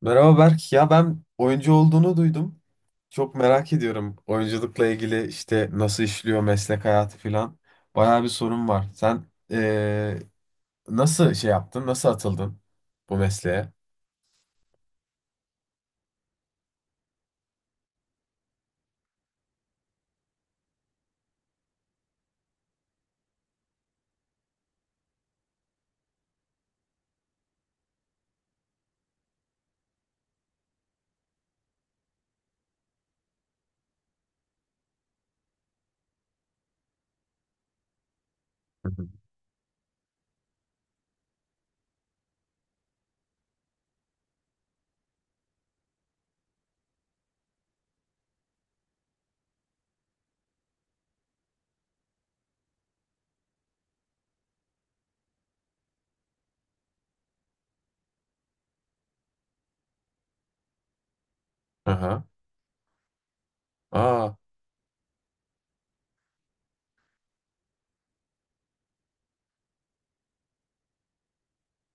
Merhaba Berk. Ya ben oyuncu olduğunu duydum. Çok merak ediyorum. Oyunculukla ilgili nasıl işliyor meslek hayatı falan. Bayağı bir sorun var. Sen nasıl yaptın? Nasıl atıldın bu mesleğe? Hı hı. Aha. Aa,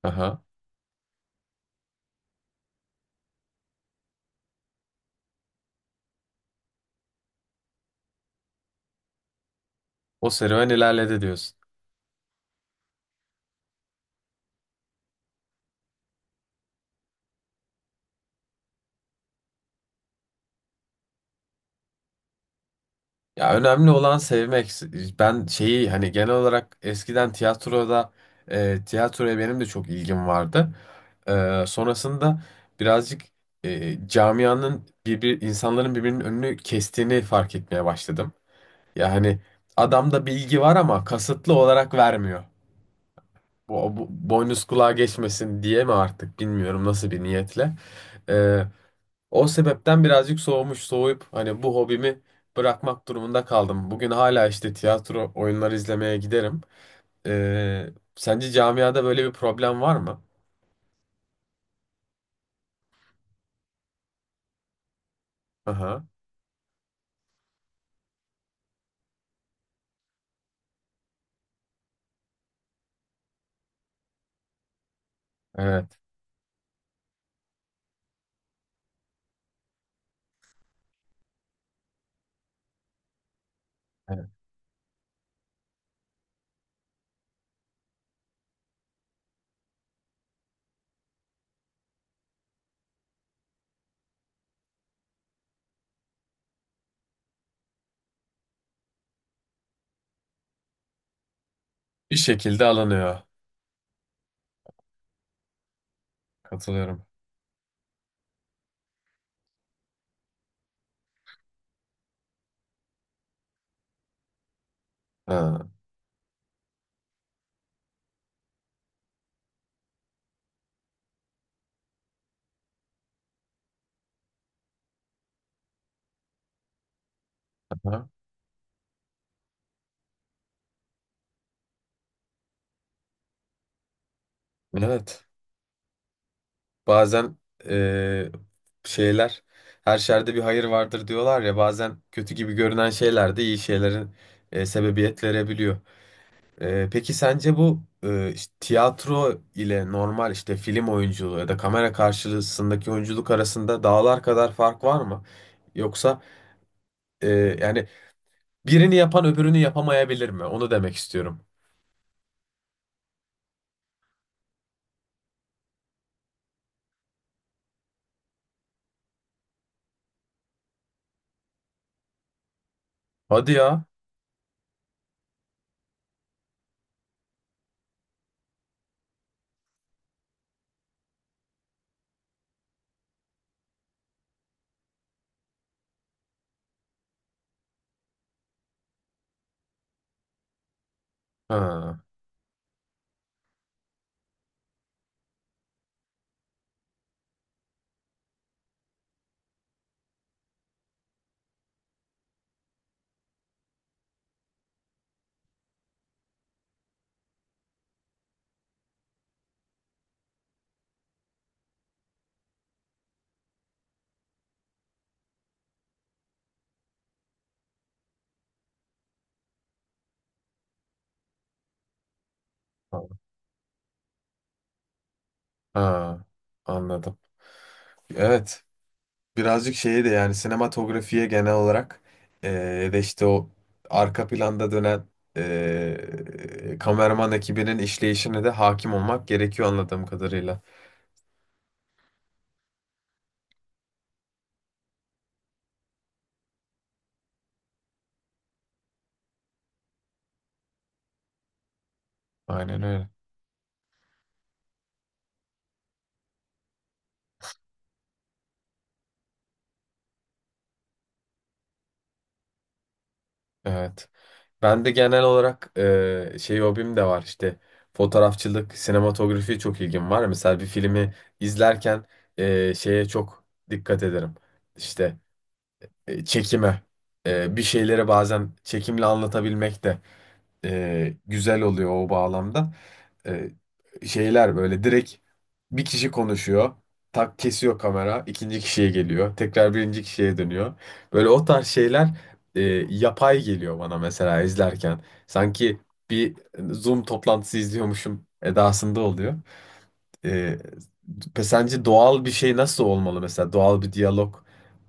aha. O serüven ilerledi diyorsun. Ya önemli olan sevmek. Ben hani genel olarak eskiden tiyatroya benim de çok ilgim vardı. Sonrasında birazcık, camianın insanların birbirinin önünü kestiğini fark etmeye başladım. Yani adamda bilgi var ama kasıtlı olarak vermiyor. Bu boynuz kulağa geçmesin diye mi artık bilmiyorum nasıl bir niyetle. E, o sebepten birazcık soğumuş, soğuyup hani bu hobimi bırakmak durumunda kaldım. Bugün hala işte tiyatro oyunları izlemeye giderim. Sence camiada böyle bir problem var mı? Aha, evet, evet. Bir şekilde alınıyor. Katılıyorum. Ha, aha. Evet. Bazen, ee, şeyler, her şerde bir hayır vardır diyorlar ya, bazen kötü gibi görünen şeyler de iyi şeylerin, sebebiyet verebiliyor. Peki sence bu, işte tiyatro ile normal işte film oyunculuğu ya da kamera karşısındaki oyunculuk arasında dağlar kadar fark var mı? Yoksa, e, yani birini yapan öbürünü yapamayabilir mi? Onu demek istiyorum. Hadi ya. Ha, ha, ha, anladım. Evet. Birazcık şeye de yani sinematografiye genel olarak, eee, ya da işte o arka planda dönen, kameraman ekibinin işleyişine de hakim olmak gerekiyor anladığım kadarıyla. Aynen öyle. Evet. Ben de genel olarak hobim de var işte, fotoğrafçılık, sinematografi, çok ilgim var. Mesela bir filmi izlerken, şeye çok dikkat ederim. İşte, çekime. Bir şeyleri bazen çekimle anlatabilmek de, güzel oluyor o bağlamda. E, şeyler Böyle direkt bir kişi konuşuyor. Tak kesiyor kamera. İkinci kişiye geliyor. Tekrar birinci kişiye dönüyor. Böyle o tarz şeyler, e, yapay geliyor bana mesela izlerken. Sanki bir Zoom toplantısı izliyormuşum edasında oluyor. E, pe- sence doğal bir şey nasıl olmalı mesela? Doğal bir diyalog,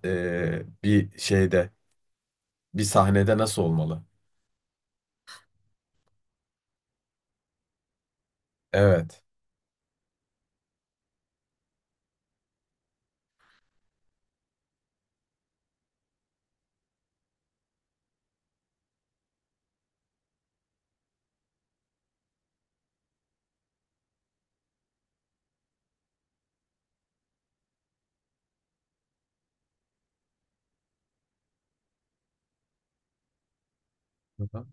e, bir şeyde, bir sahnede nasıl olmalı? Evet. Hı hı.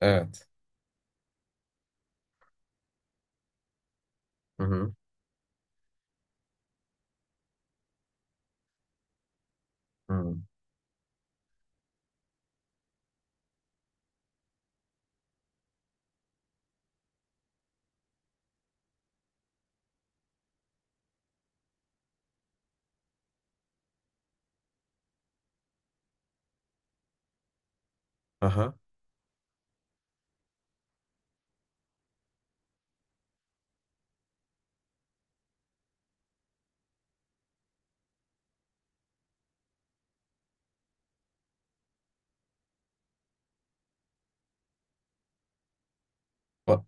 Evet. Hı hı. Hı. Aha. Ba-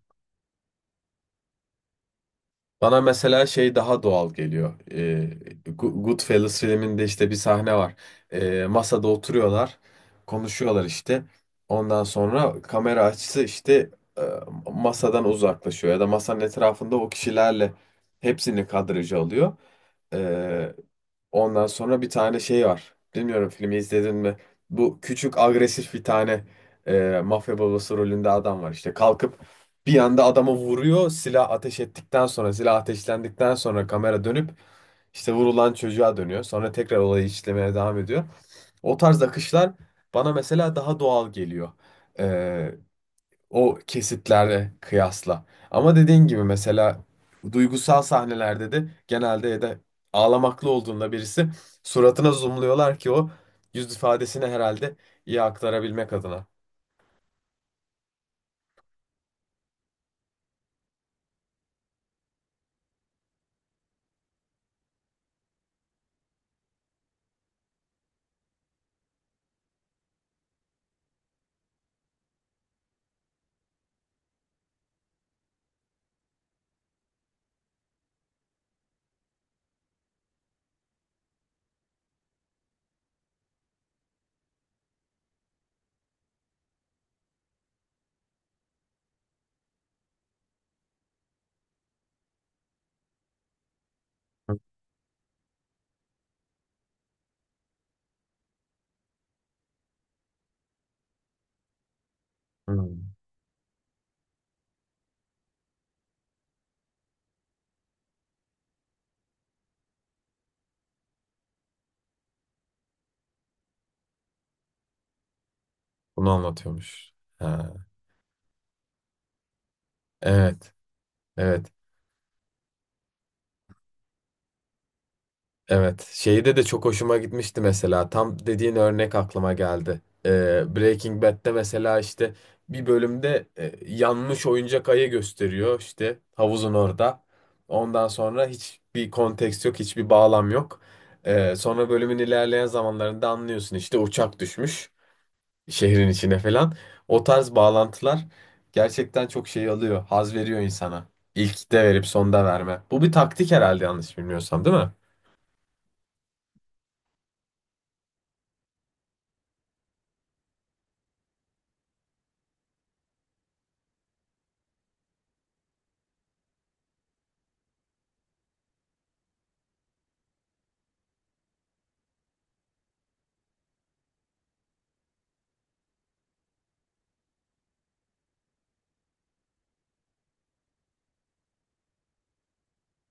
Bana mesela şey daha doğal geliyor. Go- Goodfellas filminde işte bir sahne var. Masada oturuyorlar, konuşuyorlar işte. Ondan sonra kamera açısı işte, e, masadan uzaklaşıyor ya da masanın etrafında o kişilerle hepsini kadraja alıyor. Ee, ondan sonra bir tane şey var. Bilmiyorum, filmi izledin mi? Bu küçük agresif bir tane, mafya babası rolünde adam var, işte kalkıp bir anda adamı vuruyor. Silah ateş ettikten sonra, silah ateşlendikten sonra kamera dönüp işte vurulan çocuğa dönüyor. Sonra tekrar olayı işlemeye devam ediyor. O tarz akışlar bana mesela daha doğal geliyor. Ee, o kesitlerle kıyasla. Ama dediğin gibi mesela duygusal sahnelerde de genelde, ya da ağlamaklı olduğunda birisi, suratına zoomluyorlar ki o yüz ifadesini herhalde iyi aktarabilmek adına. Hmm. Bunu anlatıyormuş. Ha, evet. Evet, evet. Şeyde de çok hoşuma gitmişti mesela. Tam dediğin örnek aklıma geldi. Breaking Bad'de mesela işte bir bölümde, yanmış oyuncak ayı gösteriyor işte havuzun orada. Ondan sonra hiçbir konteks yok, hiçbir bağlam yok. Sonra bölümün ilerleyen zamanlarında anlıyorsun işte uçak düşmüş şehrin içine falan. O tarz bağlantılar gerçekten çok şey alıyor, haz veriyor insana. İlkte verip sonda verme. Bu bir taktik herhalde, yanlış bilmiyorsam, değil mi?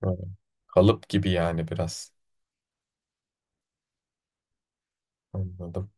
Ha, kalıp gibi yani biraz. Anladım.